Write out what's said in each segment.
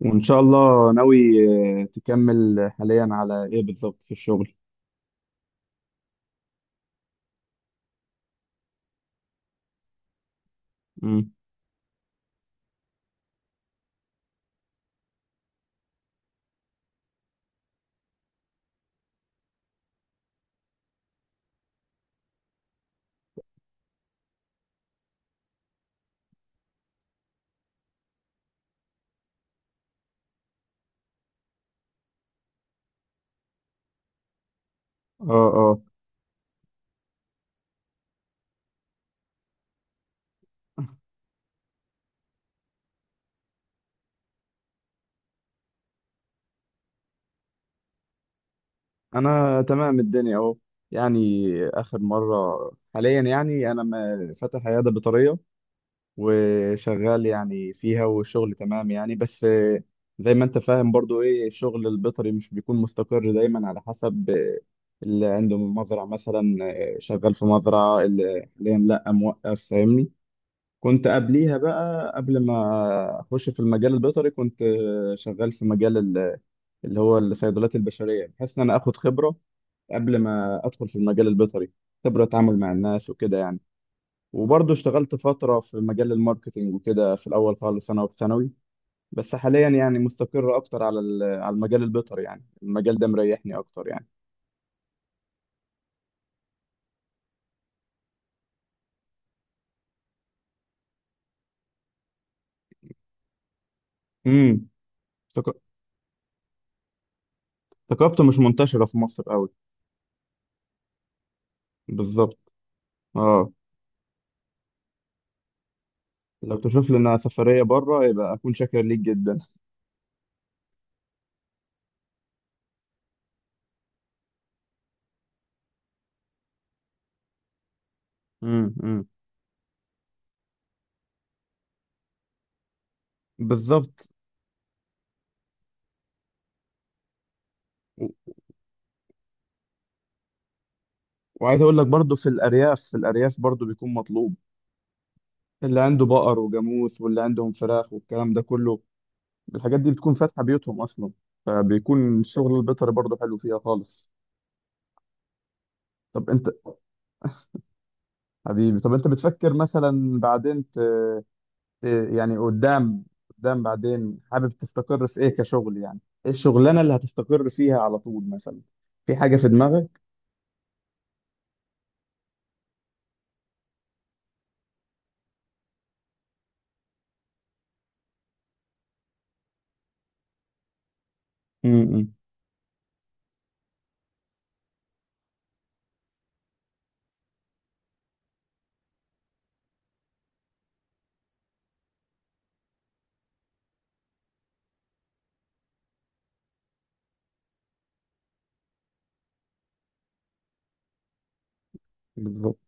وإن شاء الله ناوي. تكمل حاليا على إيه بالظبط في الشغل؟ مم. آه، آه. أنا تمام الدنيا أهو، يعني آخر مرة. حاليا يعني أنا فاتح عيادة بيطرية وشغال يعني فيها، والشغل تمام يعني، بس زي ما أنت فاهم برضو إيه الشغل البيطري مش بيكون مستقر دايما على حسب اللي عنده مزرعة مثلا. شغال في مزرعة اللي حاليا لأ، موقف، فاهمني؟ كنت قبليها بقى قبل ما اخش في المجال البيطري كنت شغال في مجال اللي هو الصيدليات البشريه، بحيث ان انا اخد خبره قبل ما ادخل في المجال البيطري. خبره اتعامل مع الناس وكده يعني. وبرضه اشتغلت فتره في مجال الماركتينج وكده في الاول خالص انا، وفي ثانوي. بس حاليا يعني مستقر اكتر على على المجال البيطري، يعني المجال ده مريحني اكتر يعني. امم. ثق- ثقافته مش منتشره في مصر قوي. بالظبط. اه. لو تشوف لنا سفريه بره يبقى اكون شاكر ليك جدا. امم، امم. بالظبط. و- وعايز اقول لك برضو في الارياف، برضو بيكون مطلوب. اللي عنده بقر وجاموس، واللي عندهم فراخ والكلام ده كله، الحاجات دي بتكون فاتحه بيوتهم اصلا، فبيكون الشغل البيطري برضو حلو فيها خالص. طب انت حبيبي، طب انت بتفكر مثلا بعدين ت- يعني قدام، بعدين حابب تستقر في ايه كشغل يعني؟ ايه الشغلانه اللي هتستقر فيها على طول مثلا؟ في حاجه في دماغك؟ امم. بالظبط.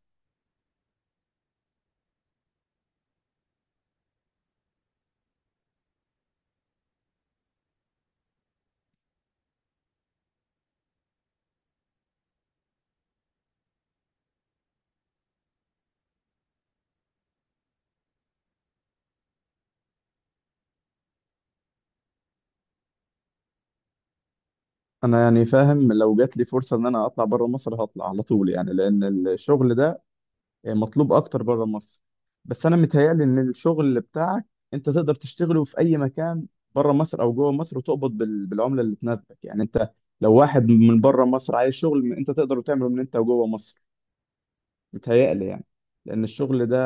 انا يعني فاهم، لو جات لي فرصه ان انا اطلع بره مصر هطلع على طول يعني، لان الشغل ده مطلوب اكتر بره مصر. بس انا متهيألي ان الشغل اللي بتاعك انت تقدر تشتغله في اي مكان، بره مصر او جوه مصر، وتقبض بالعمله اللي تناسبك يعني. انت لو واحد من بره مصر عايز شغل، انت تقدر تعمله من انت وجوه مصر، متهيألي يعني. لان الشغل ده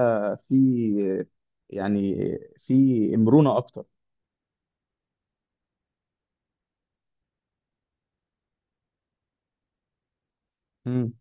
فيه، يعني فيه مرونه اكتر. امم،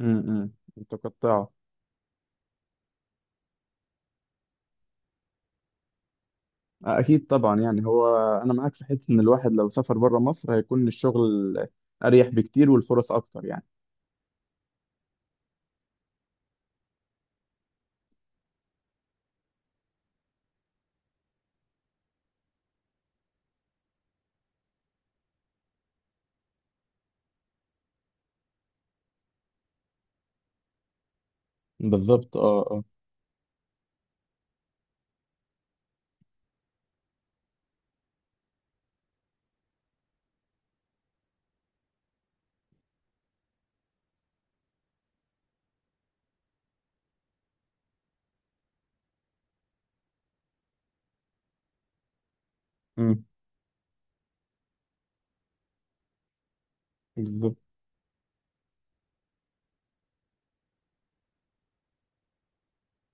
امم. متقطعه. أكيد طبعا. يعني هو أنا معاك في حتة إن الواحد لو سافر بره مصر هيكون الشغل أريح بكتير، والفرص أكتر يعني. بالظبط، اه، اه. امم. بالظبط.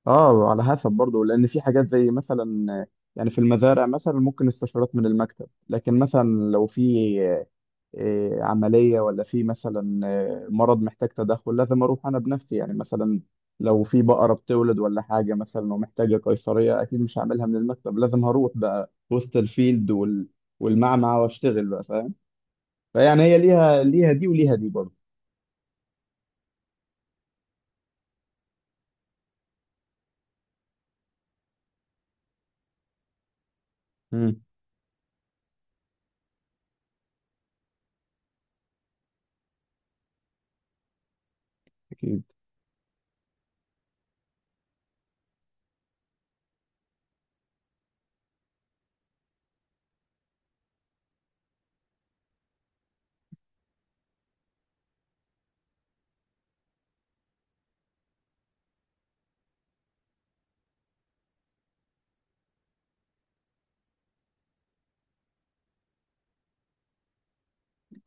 آه، على حسب برضه، لأن في حاجات زي مثلا يعني في المزارع مثلا ممكن استشارات من المكتب، لكن مثلا لو في إيه، عملية، ولا في مثلا مرض محتاج تدخل، لازم أروح أنا بنفسي. يعني مثلا لو في بقرة بتولد ولا حاجة مثلا ومحتاجة قيصرية، أكيد مش هعملها من المكتب، لازم هروح بقى وسط الفيلد والمعمعة وأشتغل بقى، فاهم؟ فيعني هي ليها، دي وليها دي برضه. امم. أكيد.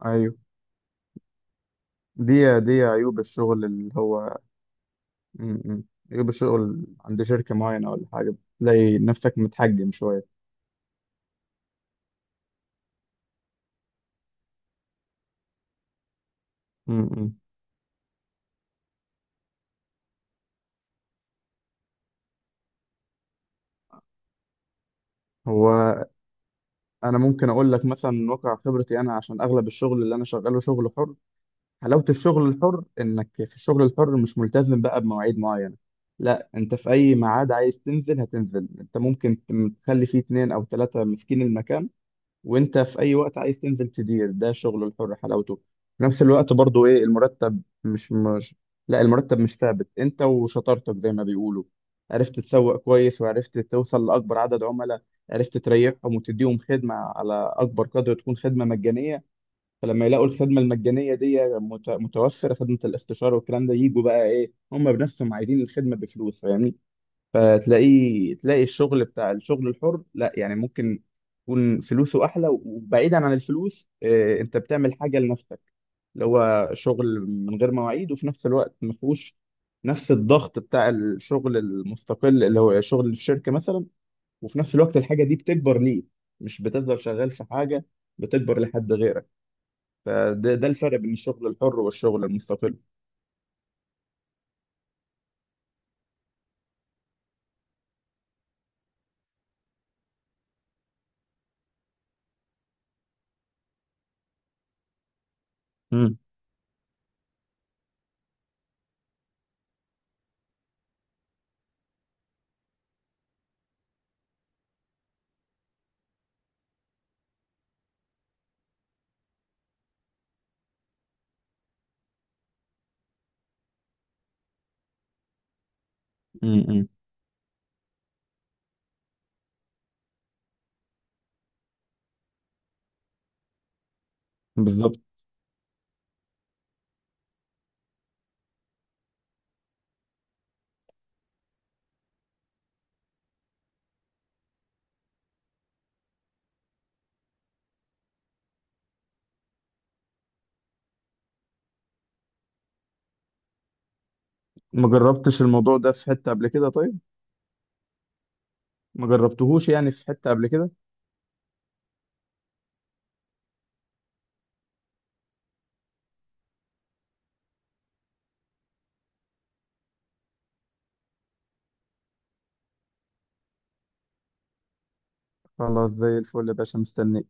أيوه. دي عيوب الشغل اللي هو. مم، مم. عيوب الشغل عند شركة معينة ولا حاجة، تلاقي نفسك متحجم شوية. امم. هو انا ممكن اقول لك مثلا من واقع خبرتي، انا عشان اغلب الشغل اللي انا شغاله شغل حر. حلاوه الشغل الحر انك في الشغل الحر مش ملتزم بقى بمواعيد معينه. لا، انت في اي ميعاد عايز تنزل هتنزل، انت ممكن تخلي فيه اتنين او تلاته ماسكين المكان، وانت في اي وقت عايز تنزل تدير. ده شغل الحر حلاوته. في نفس الوقت برضو ايه، المرتب مش، لا المرتب مش ثابت، انت وشطارتك زي ما بيقولوا. عرفت تسوق كويس، وعرفت توصل لاكبر عدد عملاء، عرفت تريحهم وتديهم خدمة على اكبر قدر، تكون خدمة مجانية. فلما يلاقوا الخدمة المجانية دي متوفرة، خدمة الاستشارة والكلام ده، يجوا بقى ايه هم بنفسهم عايزين الخدمة بفلوس، فاهمني؟ تلاقي الشغل بتاع الشغل الحر، لا يعني ممكن يكون فلوسه احلى، وبعيدا عن الفلوس انت بتعمل حاجه لنفسك، اللي هو شغل من غير مواعيد، وفي نفس الوقت ما فيهوش نفس الضغط بتاع الشغل المستقل اللي هو شغل الشركه مثلا. وفي نفس الوقت الحاجه دي بتكبر ليه، مش بتفضل شغال في حاجه، بتكبر لحد غيرك. ده الفرق بين الشغل الحر والشغل المستقل. امم، امم. بالظبط. ما جربتش الموضوع ده في حته قبل كده؟ طيب، ما جربتهوش يعني في حتة قبل كده. خلاص زي الفل يا باشا، مستنيك.